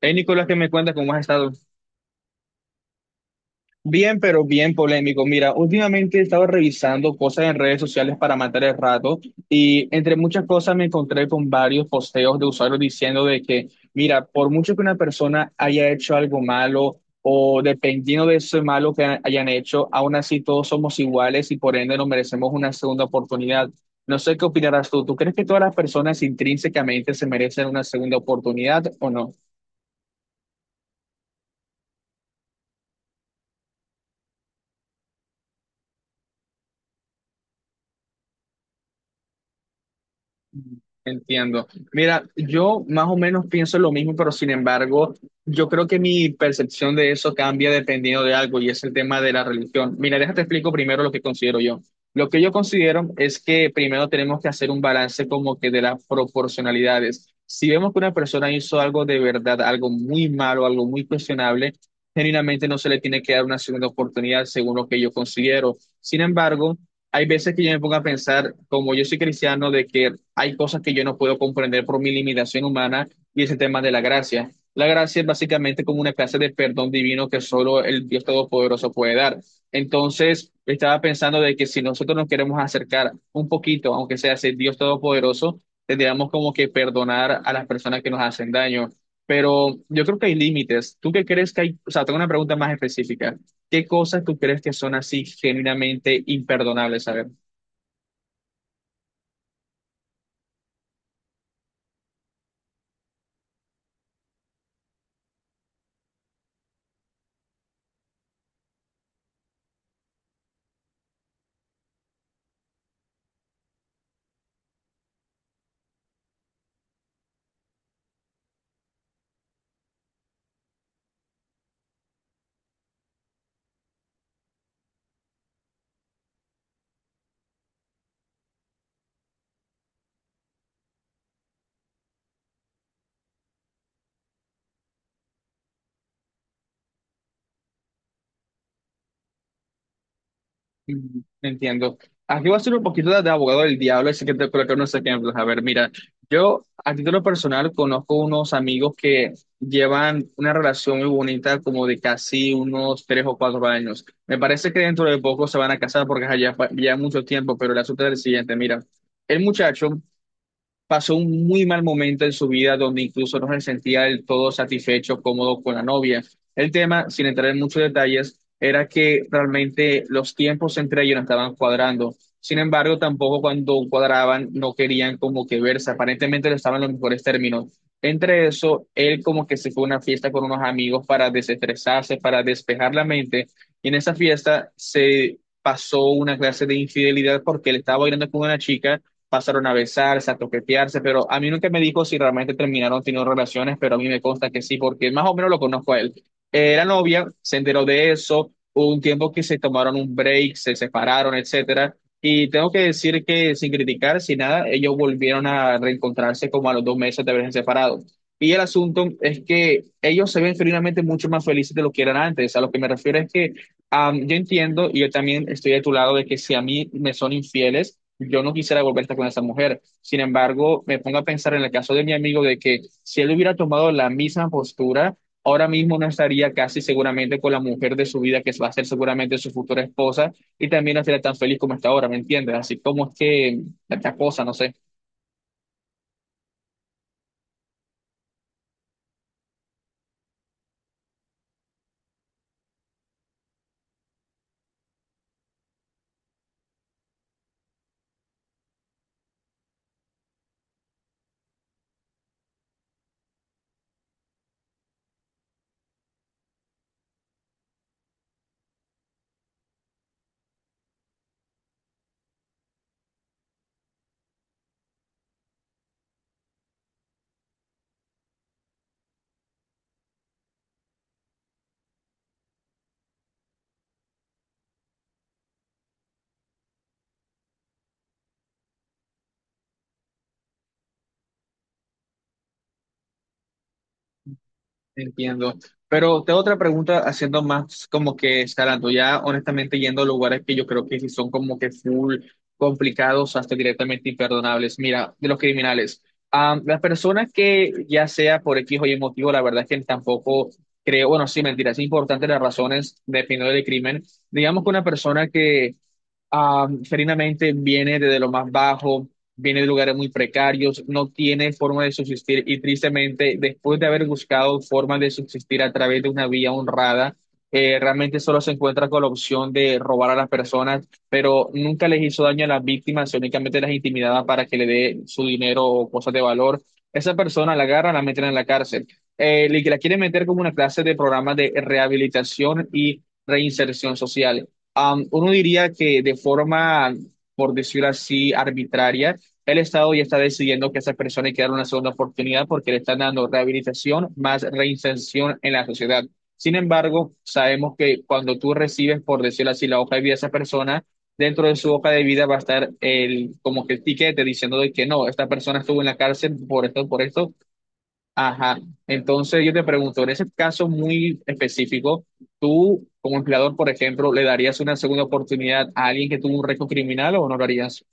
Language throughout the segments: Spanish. Hey, Nicolás, ¿qué me cuentas? ¿Cómo has estado? Bien, pero bien polémico. Mira, últimamente he estado revisando cosas en redes sociales para matar el rato y entre muchas cosas me encontré con varios posteos de usuarios diciendo de que, mira, por mucho que una persona haya hecho algo malo o dependiendo de eso malo que hayan hecho, aún así todos somos iguales y por ende nos merecemos una segunda oportunidad. No sé qué opinarás tú. ¿Tú crees que todas las personas intrínsecamente se merecen una segunda oportunidad o no? Entiendo. Mira, yo más o menos pienso lo mismo, pero sin embargo, yo creo que mi percepción de eso cambia dependiendo de algo y es el tema de la religión. Mira, déjate explico primero lo que considero yo. Lo que yo considero es que primero tenemos que hacer un balance como que de las proporcionalidades. Si vemos que una persona hizo algo de verdad, algo muy malo, algo muy cuestionable, genuinamente no se le tiene que dar una segunda oportunidad según lo que yo considero. Sin embargo, hay veces que yo me pongo a pensar, como yo soy cristiano, de que hay cosas que yo no puedo comprender por mi limitación humana y ese tema de la gracia. La gracia es básicamente como una clase de perdón divino que solo el Dios Todopoderoso puede dar. Entonces, estaba pensando de que si nosotros nos queremos acercar un poquito, aunque sea ese Dios Todopoderoso, tendríamos como que perdonar a las personas que nos hacen daño. Pero yo creo que hay límites. ¿Tú qué crees que hay? O sea, tengo una pregunta más específica. ¿Qué cosas tú crees que son así genuinamente imperdonables? A ver, entiendo. Aquí voy a ser un poquito de abogado del diablo, así que te coloco unos ejemplos. A ver, mira, yo a título personal conozco unos amigos que llevan una relación muy bonita, como de casi unos tres o cuatro años. Me parece que dentro de poco se van a casar porque ajá, ya, ya mucho tiempo, pero el asunto es el siguiente, mira. El muchacho pasó un muy mal momento en su vida donde incluso no se sentía del todo satisfecho, cómodo con la novia. El tema, sin entrar en muchos detalles, era que realmente los tiempos entre ellos no estaban cuadrando. Sin embargo, tampoco cuando cuadraban no querían como que verse. Aparentemente no estaban en los mejores términos. Entre eso, él como que se fue a una fiesta con unos amigos para desestresarse, para despejar la mente. Y en esa fiesta se pasó una clase de infidelidad porque él estaba bailando con una chica pasaron a besarse, a toquetearse, pero a mí nunca me dijo si realmente terminaron teniendo relaciones, pero a mí me consta que sí, porque más o menos lo conozco a él. Era novia, se enteró de eso, hubo un tiempo que se tomaron un break, se separaron, etcétera, y tengo que decir que sin criticar, sin nada, ellos volvieron a reencontrarse como a los dos meses de haberse separado. Y el asunto es que ellos se ven finalmente mucho más felices de lo que eran antes. A lo que me refiero es que yo entiendo y yo también estoy de tu lado de que si a mí me son infieles, yo no quisiera volver a estar con esa mujer. Sin embargo, me pongo a pensar en el caso de mi amigo de que si él hubiera tomado la misma postura, ahora mismo no estaría casi seguramente con la mujer de su vida, que va a ser seguramente su futura esposa, y también no estaría tan feliz como está ahora, ¿me entiendes? Así como es que la cosa, no sé. Entiendo. Pero te otra pregunta haciendo más como que escalando, ya honestamente yendo a lugares que yo creo que sí son como que full complicados hasta directamente imperdonables. Mira, de los criminales, las personas que ya sea por X o Y motivo, la verdad es que tampoco creo, bueno, sí, mentira, es importante las razones dependiendo del crimen. Digamos que una persona que Ferinamente viene desde lo más bajo, viene de lugares muy precarios, no tiene forma de subsistir y tristemente, después de haber buscado forma de subsistir a través de una vía honrada, realmente solo se encuentra con la opción de robar a las personas, pero nunca les hizo daño a las víctimas, únicamente las intimidaba para que le dé su dinero o cosas de valor. Esa persona la agarra, la meten en la cárcel. Y que la quieren meter como una clase de programa de rehabilitación y reinserción social. Uno diría que de forma, por decirlo así, arbitraria, el Estado ya está decidiendo que a esas personas hay que dar una segunda oportunidad porque le están dando rehabilitación más reinserción en la sociedad. Sin embargo, sabemos que cuando tú recibes, por decirlo así, la hoja de vida de esa persona, dentro de su hoja de vida va a estar el, como que el tiquete diciendo de que no, esta persona estuvo en la cárcel por esto, ajá. Entonces yo te pregunto, en ese caso muy específico, tú como empleador, por ejemplo, ¿le darías una segunda oportunidad a alguien que tuvo un récord criminal o no lo harías?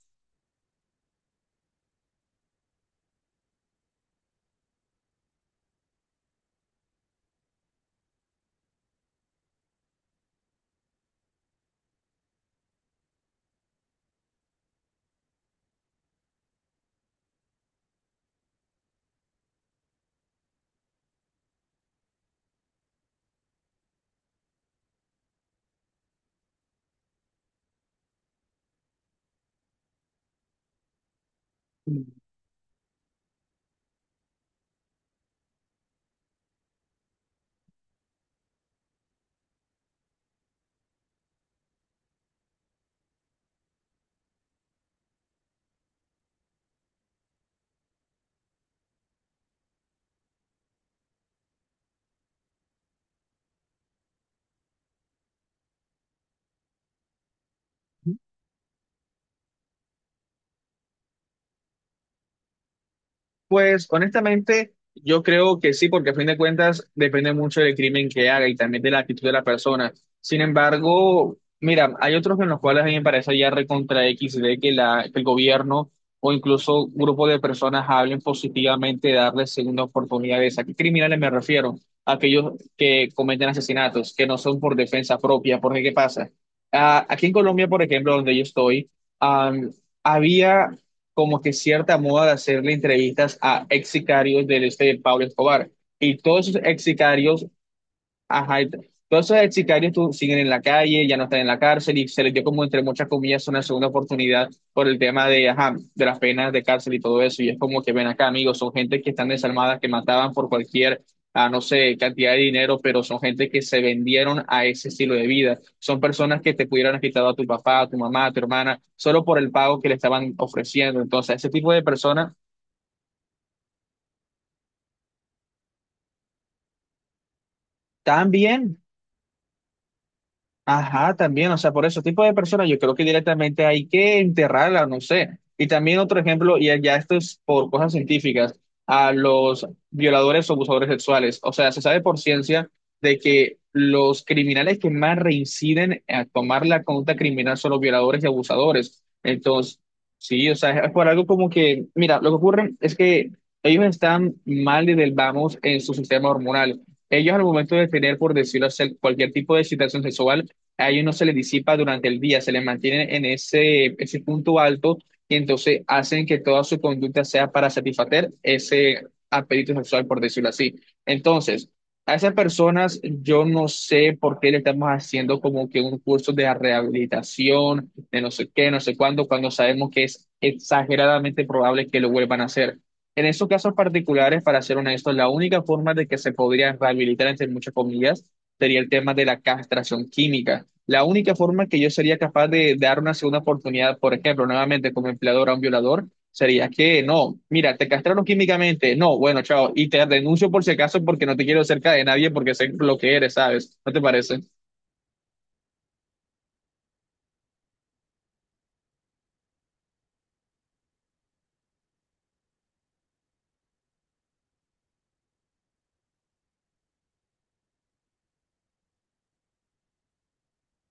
Pues honestamente, yo creo que sí, porque a fin de cuentas depende mucho del crimen que haga y también de la actitud de la persona. Sin embargo, mira, hay otros en los cuales a mí me parece ya recontra X de que, la, que el gobierno o incluso grupo de personas hablen positivamente de darles segunda oportunidades. ¿A qué criminales me refiero? Aquellos que cometen asesinatos, que no son por defensa propia. Porque, ¿qué pasa? Aquí en Colombia, por ejemplo, donde yo estoy, ah, había como que cierta moda de hacerle entrevistas a ex sicarios del este de Pablo Escobar. Y todos esos ex sicarios Ajá, y todos esos ex sicarios siguen en la calle, ya no están en la cárcel y se les dio como entre muchas comillas una segunda oportunidad por el tema de, ajá, de las penas de cárcel y todo eso. Y es como que ven acá, amigos, son gente que están desarmadas, que mataban por cualquier, no sé, cantidad de dinero, pero son gente que se vendieron a ese estilo de vida. Son personas que te pudieran haber quitado a tu papá, a tu mamá, a tu hermana, solo por el pago que le estaban ofreciendo. Entonces, ese tipo de personas también ajá, también, o sea, por ese tipo de personas yo creo que directamente hay que enterrarla, no sé. Y también otro ejemplo, y ya esto es por cosas científicas, a los violadores o abusadores sexuales. O sea, se sabe por ciencia de que los criminales que más reinciden a tomar la conducta criminal son los violadores y abusadores. Entonces, sí, o sea, es por algo como que, mira, lo que ocurre es que ellos están mal desde el vamos en su sistema hormonal. Ellos al momento de tener, por decirlo así, cualquier tipo de excitación sexual, a ellos no se les disipa durante el día, se les mantiene en ese punto alto y entonces hacen que toda su conducta sea para satisfacer ese apetito sexual, por decirlo así. Entonces, a esas personas yo no sé por qué le estamos haciendo como que un curso de rehabilitación, de no sé qué, no sé cuándo, cuando sabemos que es exageradamente probable que lo vuelvan a hacer. En esos casos particulares, para ser honesto, la única forma de que se podría rehabilitar, entre muchas comillas, sería el tema de la castración química. La única forma que yo sería capaz de dar una segunda oportunidad, por ejemplo, nuevamente como empleador a un violador, sería que no, mira, te castraron químicamente, no, bueno, chao, y te denuncio por si acaso porque no te quiero cerca de nadie porque sé lo que eres, ¿sabes? ¿No te parece?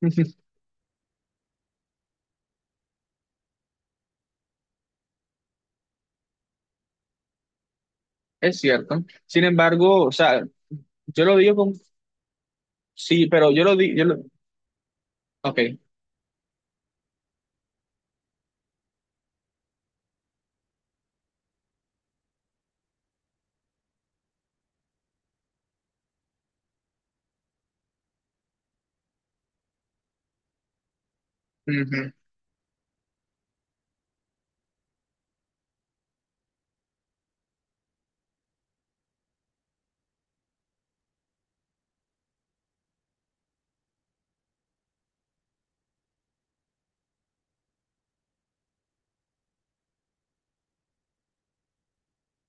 Es cierto. Sin embargo, o sea, yo lo digo con, sí, pero yo lo digo, yo lo, ok. Ujú.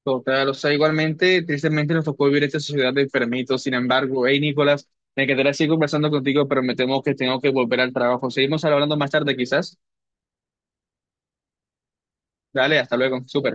Total, o sea, igualmente, tristemente nos tocó vivir esta sociedad de enfermitos. Sin embargo, hey Nicolás, me quedaría así conversando contigo, pero me temo que tengo que volver al trabajo. Seguimos hablando más tarde, quizás. Dale, hasta luego, súper.